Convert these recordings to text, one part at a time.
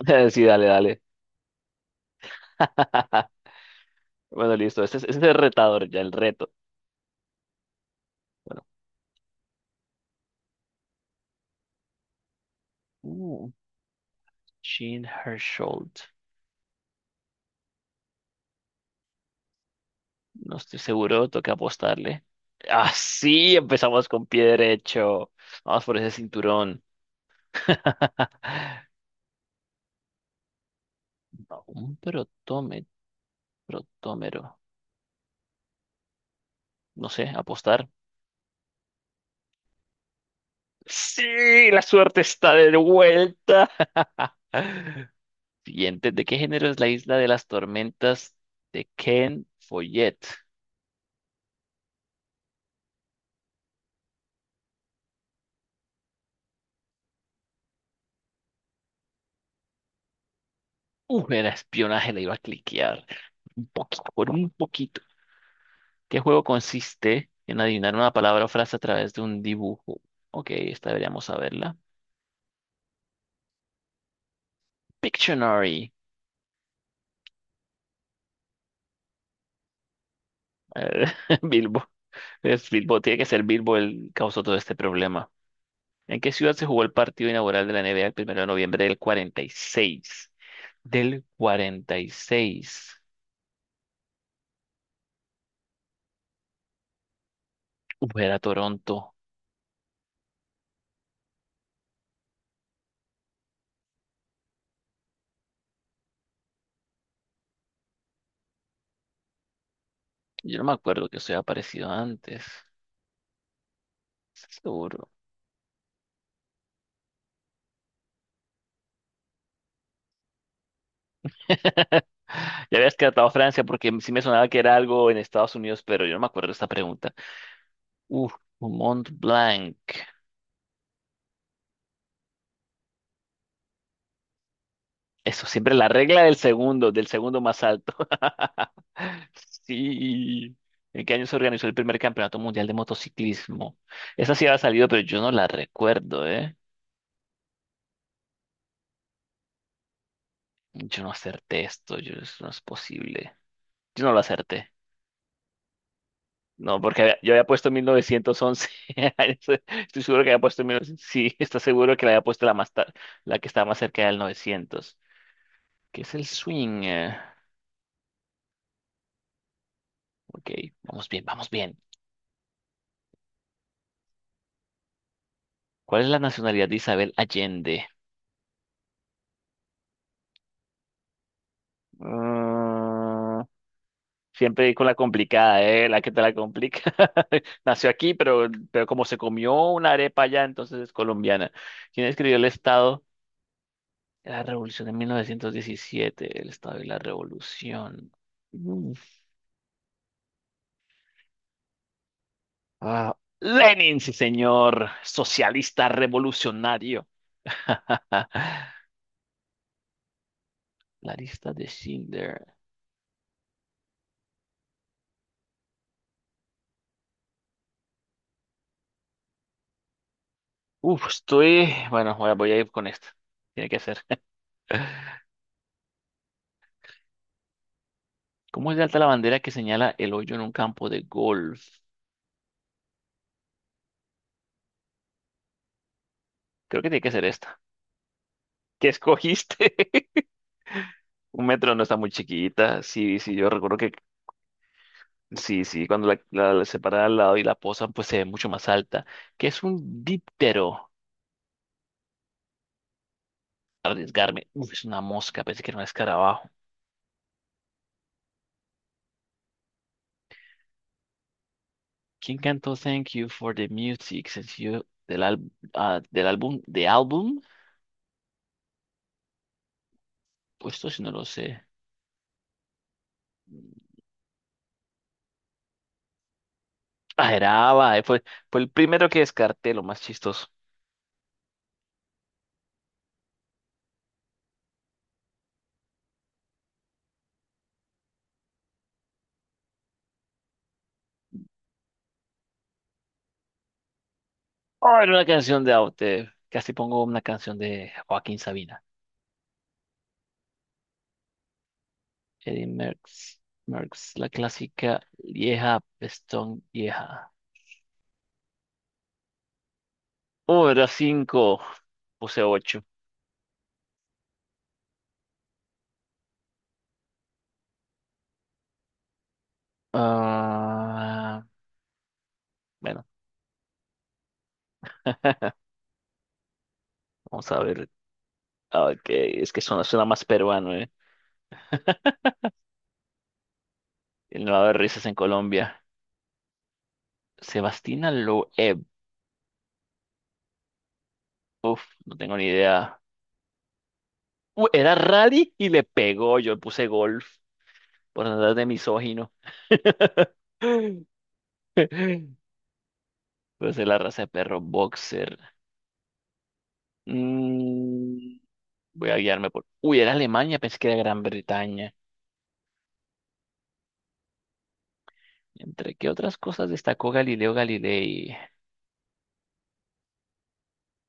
Sí, dale, dale. Bueno, listo. Ese es el retador, ya el reto. Bueno. Uh, Jean Hersholt. No estoy seguro, toca apostarle. Ah, sí, empezamos con pie derecho. Vamos por ese cinturón. Un protómetro, protómero. No sé, apostar. Sí, la suerte está de vuelta. Siguiente, ¿de qué género es la isla de las tormentas de Ken Follett? Era espionaje, le iba a cliquear. Un poquito, por un poquito. ¿Qué juego consiste en adivinar una palabra o frase a través de un dibujo? Ok, esta deberíamos saberla. Pictionary. A ver, Bilbo. Es Bilbo, tiene que ser Bilbo el causó todo este problema. ¿En qué ciudad se jugó el partido inaugural de la NBA el primero de noviembre del 46? Del 46. Era Toronto. Yo no me acuerdo que eso haya aparecido antes. Seguro. Ya habías cantado Francia porque sí me sonaba que era algo en Estados Unidos, pero yo no me acuerdo de esta pregunta. Uf, Mont Blanc. Eso, siempre la regla del segundo más alto. Sí. ¿En qué año se organizó el primer campeonato mundial de motociclismo? Esa sí había salido, pero yo no la recuerdo, ¿eh? Yo no acerté esto, yo, eso no es posible. Yo no lo acerté. No, porque yo había puesto 1911. Estoy seguro que había puesto 1900. Sí, está seguro que la había puesto la que estaba más cerca del 900, que es el swing. Ok, vamos bien, vamos bien. ¿Cuál es la nacionalidad de Isabel Allende? Mm, siempre con la complicada, ¿eh? La que te la complica. Nació aquí, pero como se comió una arepa allá, entonces es colombiana. ¿Quién escribió el Estado? De La Revolución de 1917, el Estado y la Revolución. Ah, Lenin, sí, señor, socialista revolucionario. La lista de Schindler. Uf, estoy. Bueno, voy a ir con esta. Tiene que ser. ¿Cómo es de alta la bandera que señala el hoyo en un campo de golf? Creo que tiene que ser esta. ¿Qué escogiste? Un metro no está muy chiquita. Sí, sí, yo recuerdo que sí, sí, cuando la separan al lado y la posan, pues se ve mucho más alta. ¿Qué es un díptero? Arriesgarme. Uf, es una mosca, pensé que era un escarabajo. ¿Quién cantó Thank You for the Music, sencillo ah, del álbum? Pues esto sí no lo sé. Ah, era ABBA, fue el primero que descarté, lo más chistoso. Oh, era una canción de Aute. Casi pongo una canción de Joaquín Sabina. Eddie Merckx, la clásica vieja, pestón vieja. Oh, era cinco. Puse ocho. Ah, bueno, vamos a ver. Ah, Ok, es que suena más peruano, ¿eh? El nevado de risas en Colombia. Sebastina Loeb. No tengo ni idea. Era rally y le pegó. Yo puse golf por andar de misógino. Pues es la raza de perro boxer. Mm, voy a guiarme por. Uy, era Alemania, pensé que era Gran Bretaña. ¿Entre qué otras cosas destacó Galileo Galilei?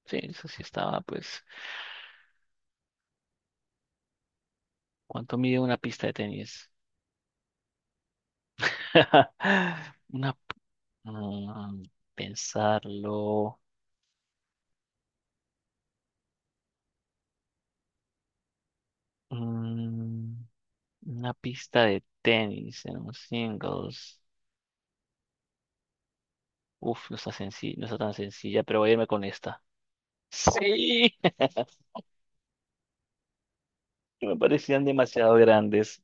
Sí, eso sí estaba, pues. ¿Cuánto mide una pista de tenis? Una. mm, pensarlo. Mm, Una pista de tenis en un singles. Uf, no está sencilla, no está tan sencilla, pero voy a irme con esta. Sí, me parecían demasiado grandes.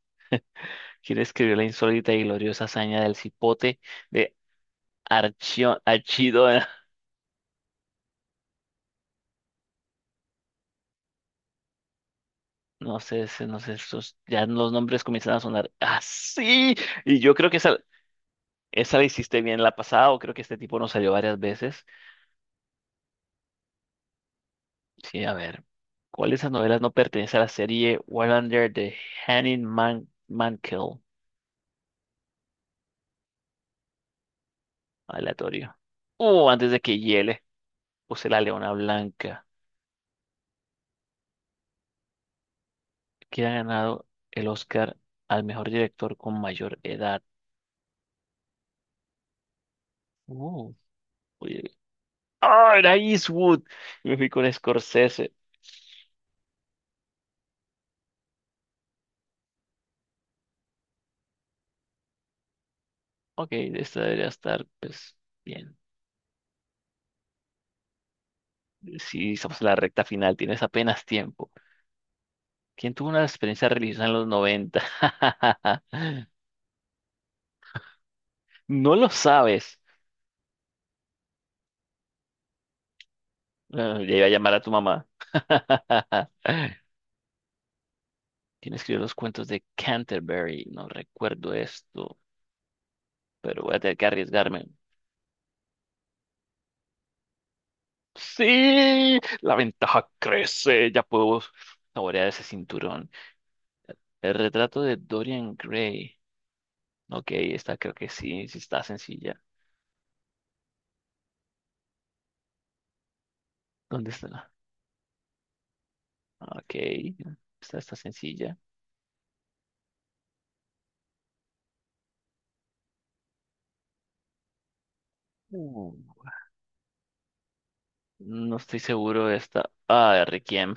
¿Quién escribió la insólita y gloriosa hazaña del cipote de Archidona? No sé, no sé, esos, ya los nombres comienzan a sonar así. Y yo creo que esa la hiciste bien la pasada, o creo que este tipo nos salió varias veces. Sí, a ver. ¿Cuál de esas novelas no pertenece a la serie Wallander de Henning Mankell? Aleatorio. Antes de que hiele, puse la Leona Blanca, que ha ganado el Oscar al mejor director con mayor edad. Uh, oye. ¡Ah, era Eastwood! Y me fui con Scorsese. Ok, esta debería estar, pues, bien. Si estamos en la recta final, tienes apenas tiempo. ¿Quién tuvo una experiencia religiosa en los 90? No lo sabes. Ah, ya iba a llamar a tu mamá. ¿Quién escribió los cuentos de Canterbury? No recuerdo esto, pero voy a tener que arriesgarme. ¡Sí! La ventaja crece. Ya puedo saborear ese cinturón. El retrato de Dorian Gray. Ok, esta creo que sí, sí está sencilla. ¿Dónde está? Ok, esta está sencilla. Uh, no estoy seguro de esta. Ah, de Requiem.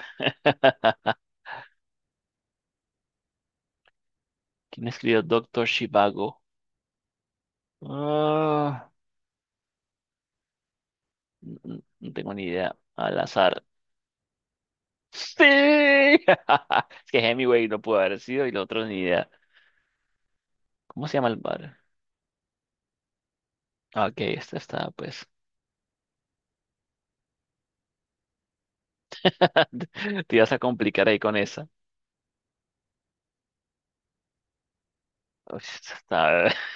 ¿Quién escribió Doctor Shivago? Ah, no, no tengo ni idea. Al azar. ¡Sí! Es que Hemingway no pudo haber sido y los otros ni idea. ¿Cómo se llama el bar? Ah, Ok, esta está, pues. Te ibas a complicar ahí con esa. Uy, esta está,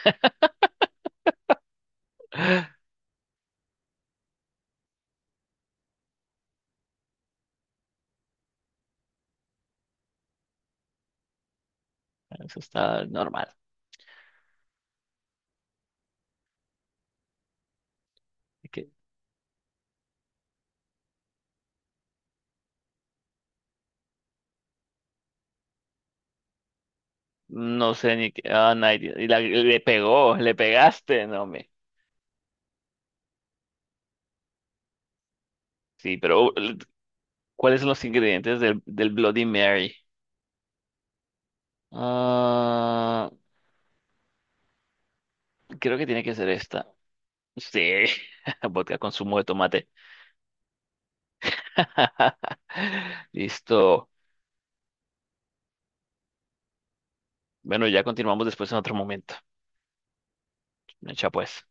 eso está normal. Es que no sé ni qué. Ah, le pegó, le pegaste. No me. Sí, pero ¿Cuáles son los ingredientes del Bloody Mary? Ah, creo que tiene que ser esta. Sí, vodka con zumo de tomate. Listo. Bueno, ya continuamos después en otro momento. Echa pues.